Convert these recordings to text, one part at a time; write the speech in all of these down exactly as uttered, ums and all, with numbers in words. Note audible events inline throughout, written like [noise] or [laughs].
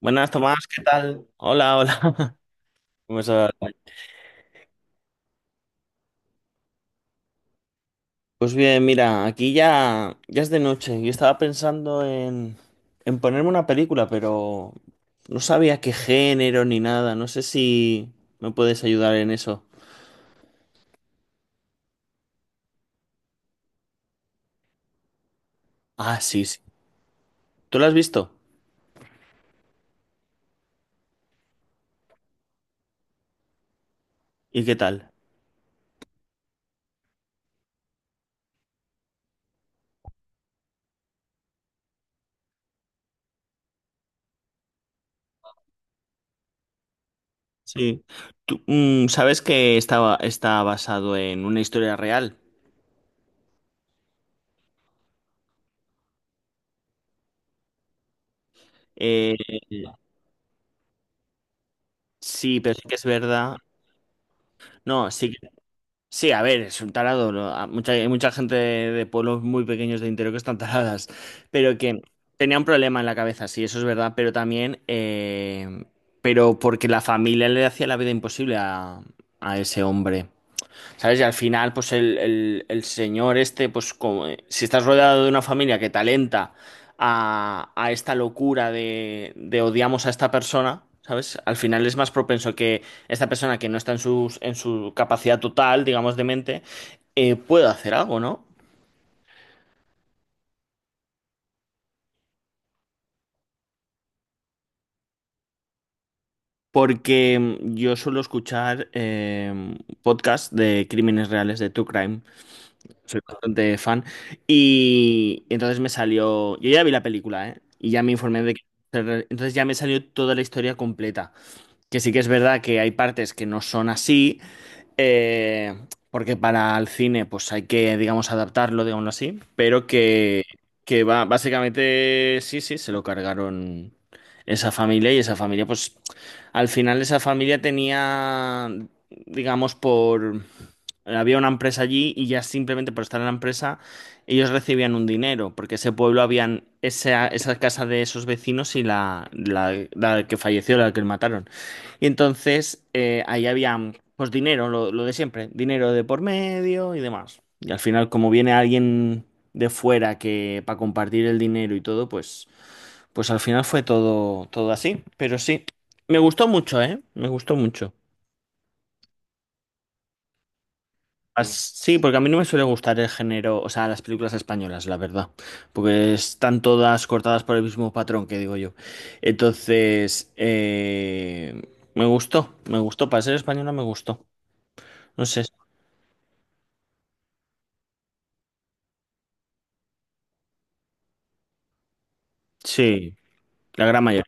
Buenas, Tomás, ¿qué tal? Hola, hola. [laughs] ¿Cómo estás? Pues bien, mira, aquí ya, ya es de noche. Yo estaba pensando en, en ponerme una película, pero no sabía qué género ni nada. No sé si me puedes ayudar en eso. Ah, sí, sí. ¿Tú la has visto? ¿Y qué tal? Sí. Tú, mm, sabes que estaba, está basado en una historia real. Eh, sí, pero sí que es verdad. No, sí. Sí, a ver, es un tarado, ¿no? A- Mucha, hay mucha gente de, de pueblos muy pequeños de interior que están taradas, pero que tenía un problema en la cabeza, sí, eso es verdad, pero también, eh, pero porque la familia le hacía la vida imposible a, a ese hombre. ¿Sabes? Y al final, pues el, el- el señor este, pues como, eh, si estás rodeado de una familia que te alenta a, a esta locura de, de odiamos a esta persona, ¿sabes? Al final es más propenso que esta persona que no está en sus, en su capacidad total, digamos, de mente, eh, pueda hacer algo, ¿no? Porque mm, yo suelo escuchar eh, podcasts de crímenes reales, de true crime. Soy bastante fan. Y entonces me salió. Yo ya vi la película, ¿eh? Y ya me informé de que. Entonces ya me salió toda la historia completa. Que sí que es verdad que hay partes que no son así, eh, porque para el cine pues hay que, digamos, adaptarlo, digámoslo así, pero que, que va, básicamente sí, sí, se lo cargaron esa familia, y esa familia, pues al final esa familia tenía, digamos, por. Había una empresa allí y ya simplemente por estar en la empresa ellos recibían un dinero, porque ese pueblo habían esa, esa, casa de esos vecinos y la, la, la que falleció, la que mataron. Y entonces eh, ahí había pues dinero, lo, lo de siempre, dinero de por medio y demás. Y al final, como viene alguien de fuera que para compartir el dinero y todo, pues, pues al final fue todo, todo así. Pero sí, me gustó mucho, ¿eh? Me gustó mucho. As- Sí, porque a mí no me suele gustar el género, o sea, las películas españolas, la verdad, porque están todas cortadas por el mismo patrón que digo yo. Entonces, eh, me gustó, me gustó, para ser española me gustó. No sé. Sí, la gran mayoría.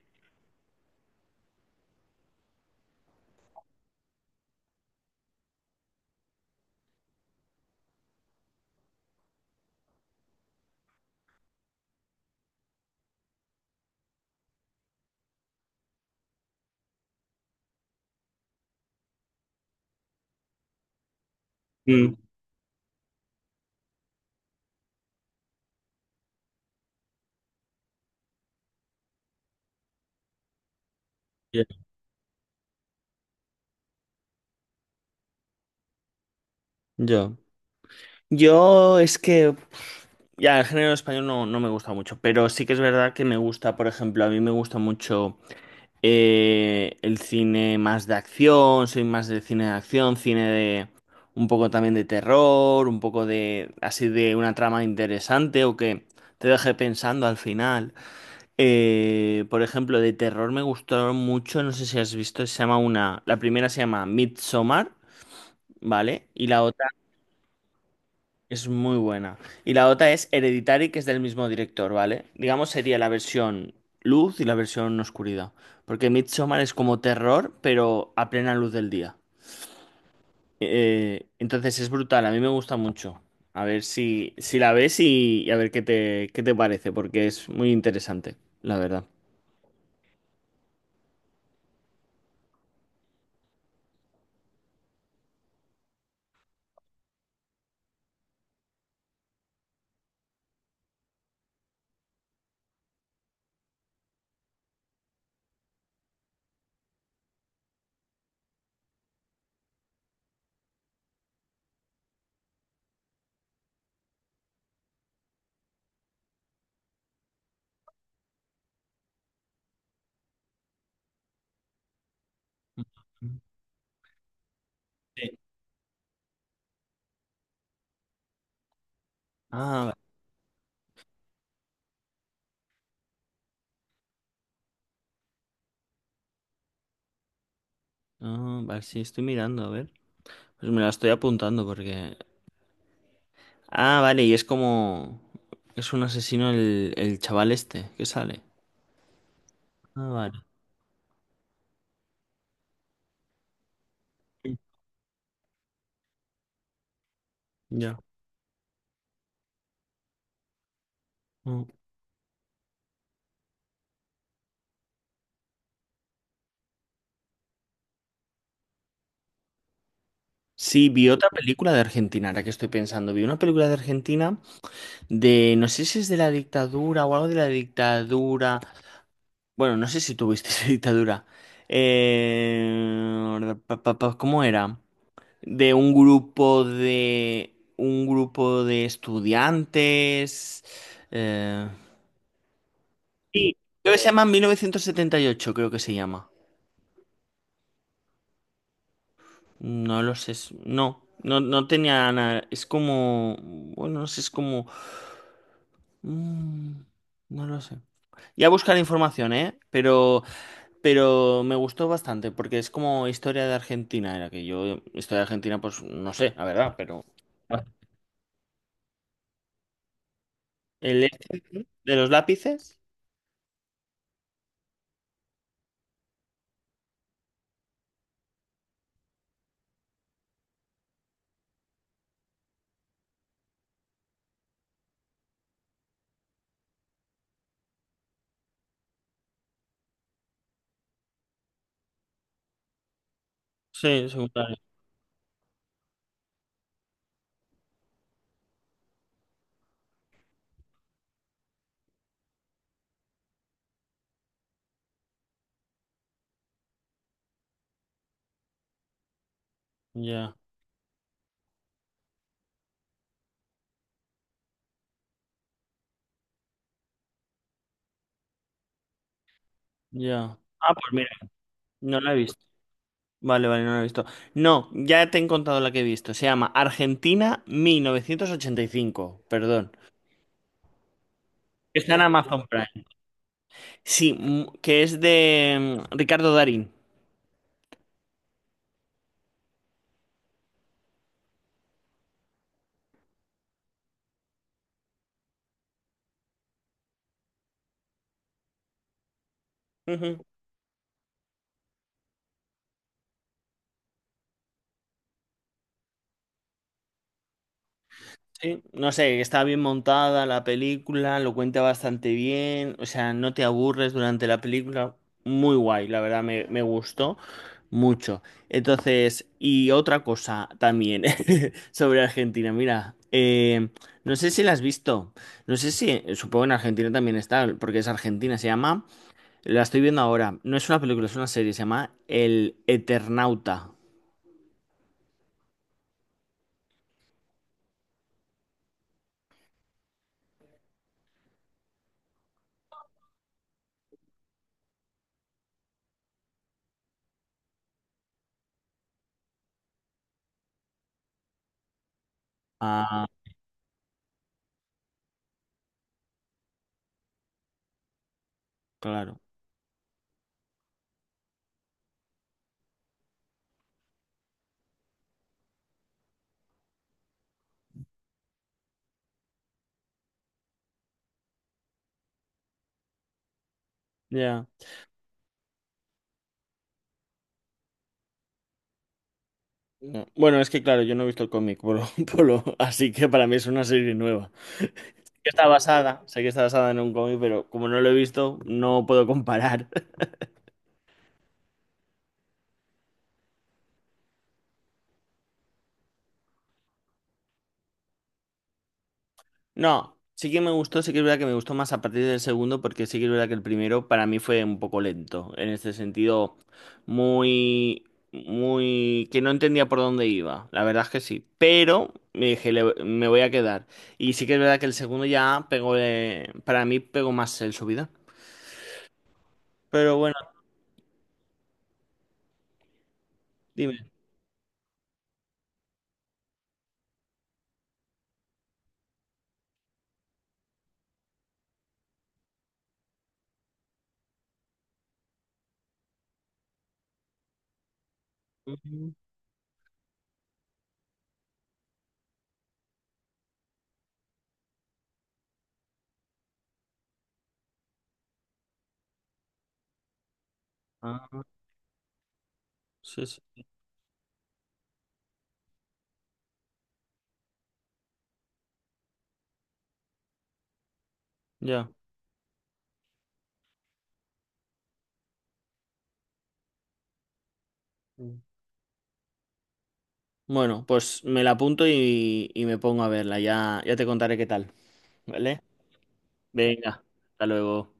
Mm, ya. Yo. Yo es que, ya, el género español no, no me gusta mucho, pero sí que es verdad que me gusta. Por ejemplo, a mí me gusta mucho eh, el cine más de acción, soy más de cine de acción, cine de un poco también de terror, un poco de así de una trama interesante o que te deje pensando al final. Eh, por ejemplo, de terror me gustó mucho, no sé si has visto, se llama una, la primera se llama Midsommar, ¿vale? Y la otra es muy buena. Y la otra es Hereditary, que es del mismo director, ¿vale? Digamos, sería la versión luz y la versión oscuridad. Porque Midsommar es como terror, pero a plena luz del día. Eh, entonces es brutal, a mí me gusta mucho. A ver si, si la ves y, y a ver qué te, qué te parece, porque es muy interesante, la verdad. Sí. Ah, vale. Ah, vale, sí, estoy mirando, a ver. Pues me la estoy apuntando porque. Ah, vale, y es como. Es un asesino el, el chaval este que sale. Ah, vale. Mm. Ya. Mm. Sí, vi otra película de Argentina, ahora que estoy pensando. Vi una película de Argentina, de, no sé si es de la dictadura o algo de la dictadura. Bueno, no sé si tuviste [laughs] esa dictadura. Eh, pa- pa- pa- ¿Cómo era? De un grupo de. Un grupo de estudiantes. eh, Sí, creo que se llama mil novecientos setenta y ocho, creo que se llama. No lo sé. es- No, no, no tenía nada. Es como. Bueno, no sé, es como. mm, no lo sé. Ya buscaré información, ¿eh? Pero, pero me gustó bastante, porque es como historia de Argentina, era que yo, historia de Argentina, pues no sé, la verdad, pero. ¿El E de los lápices? Sí, secundario. Ya, ya. Ah, pues mira, no la he visto. Vale, vale, no lo he visto. No, ya te he contado la que he visto. Se llama Argentina mil novecientos ochenta y cinco, perdón. Está en Amazon Prime. Sí, mm, que es de mm, Ricardo Darín. Sí, no sé, está bien montada la película, lo cuenta bastante bien, o sea, no te aburres durante la película, muy guay, la verdad me, me gustó mucho. Entonces, y otra cosa también [laughs] sobre Argentina, mira, eh, no sé si la has visto, no sé si, supongo en Argentina también está, porque es Argentina, se llama, la estoy viendo ahora, no es una película, es una serie, se llama El Eternauta. Ah, claro. Ya. No. Bueno, es que claro, yo no he visto el cómic Polo, [laughs] Polo, así que para mí es una serie nueva. Que Está basada, sé que está basada en un cómic, pero como no lo he visto, no puedo comparar. [laughs] No, sí que me gustó, sí que es verdad que me gustó más a partir del segundo, porque sí que es verdad que el primero para mí fue un poco lento, en este sentido, muy, muy, que no entendía por dónde iba, la verdad es que sí, pero me dije, "Le- me voy a quedar". Y sí que es verdad que el segundo ya pegó, eh, para mí pegó más el subida. Pero bueno, dime. Ah, sí, sí. Ya. Mm. Bueno, pues me la apunto y, y me pongo a verla. Ya, ya te contaré qué tal, ¿vale? Venga, hasta luego.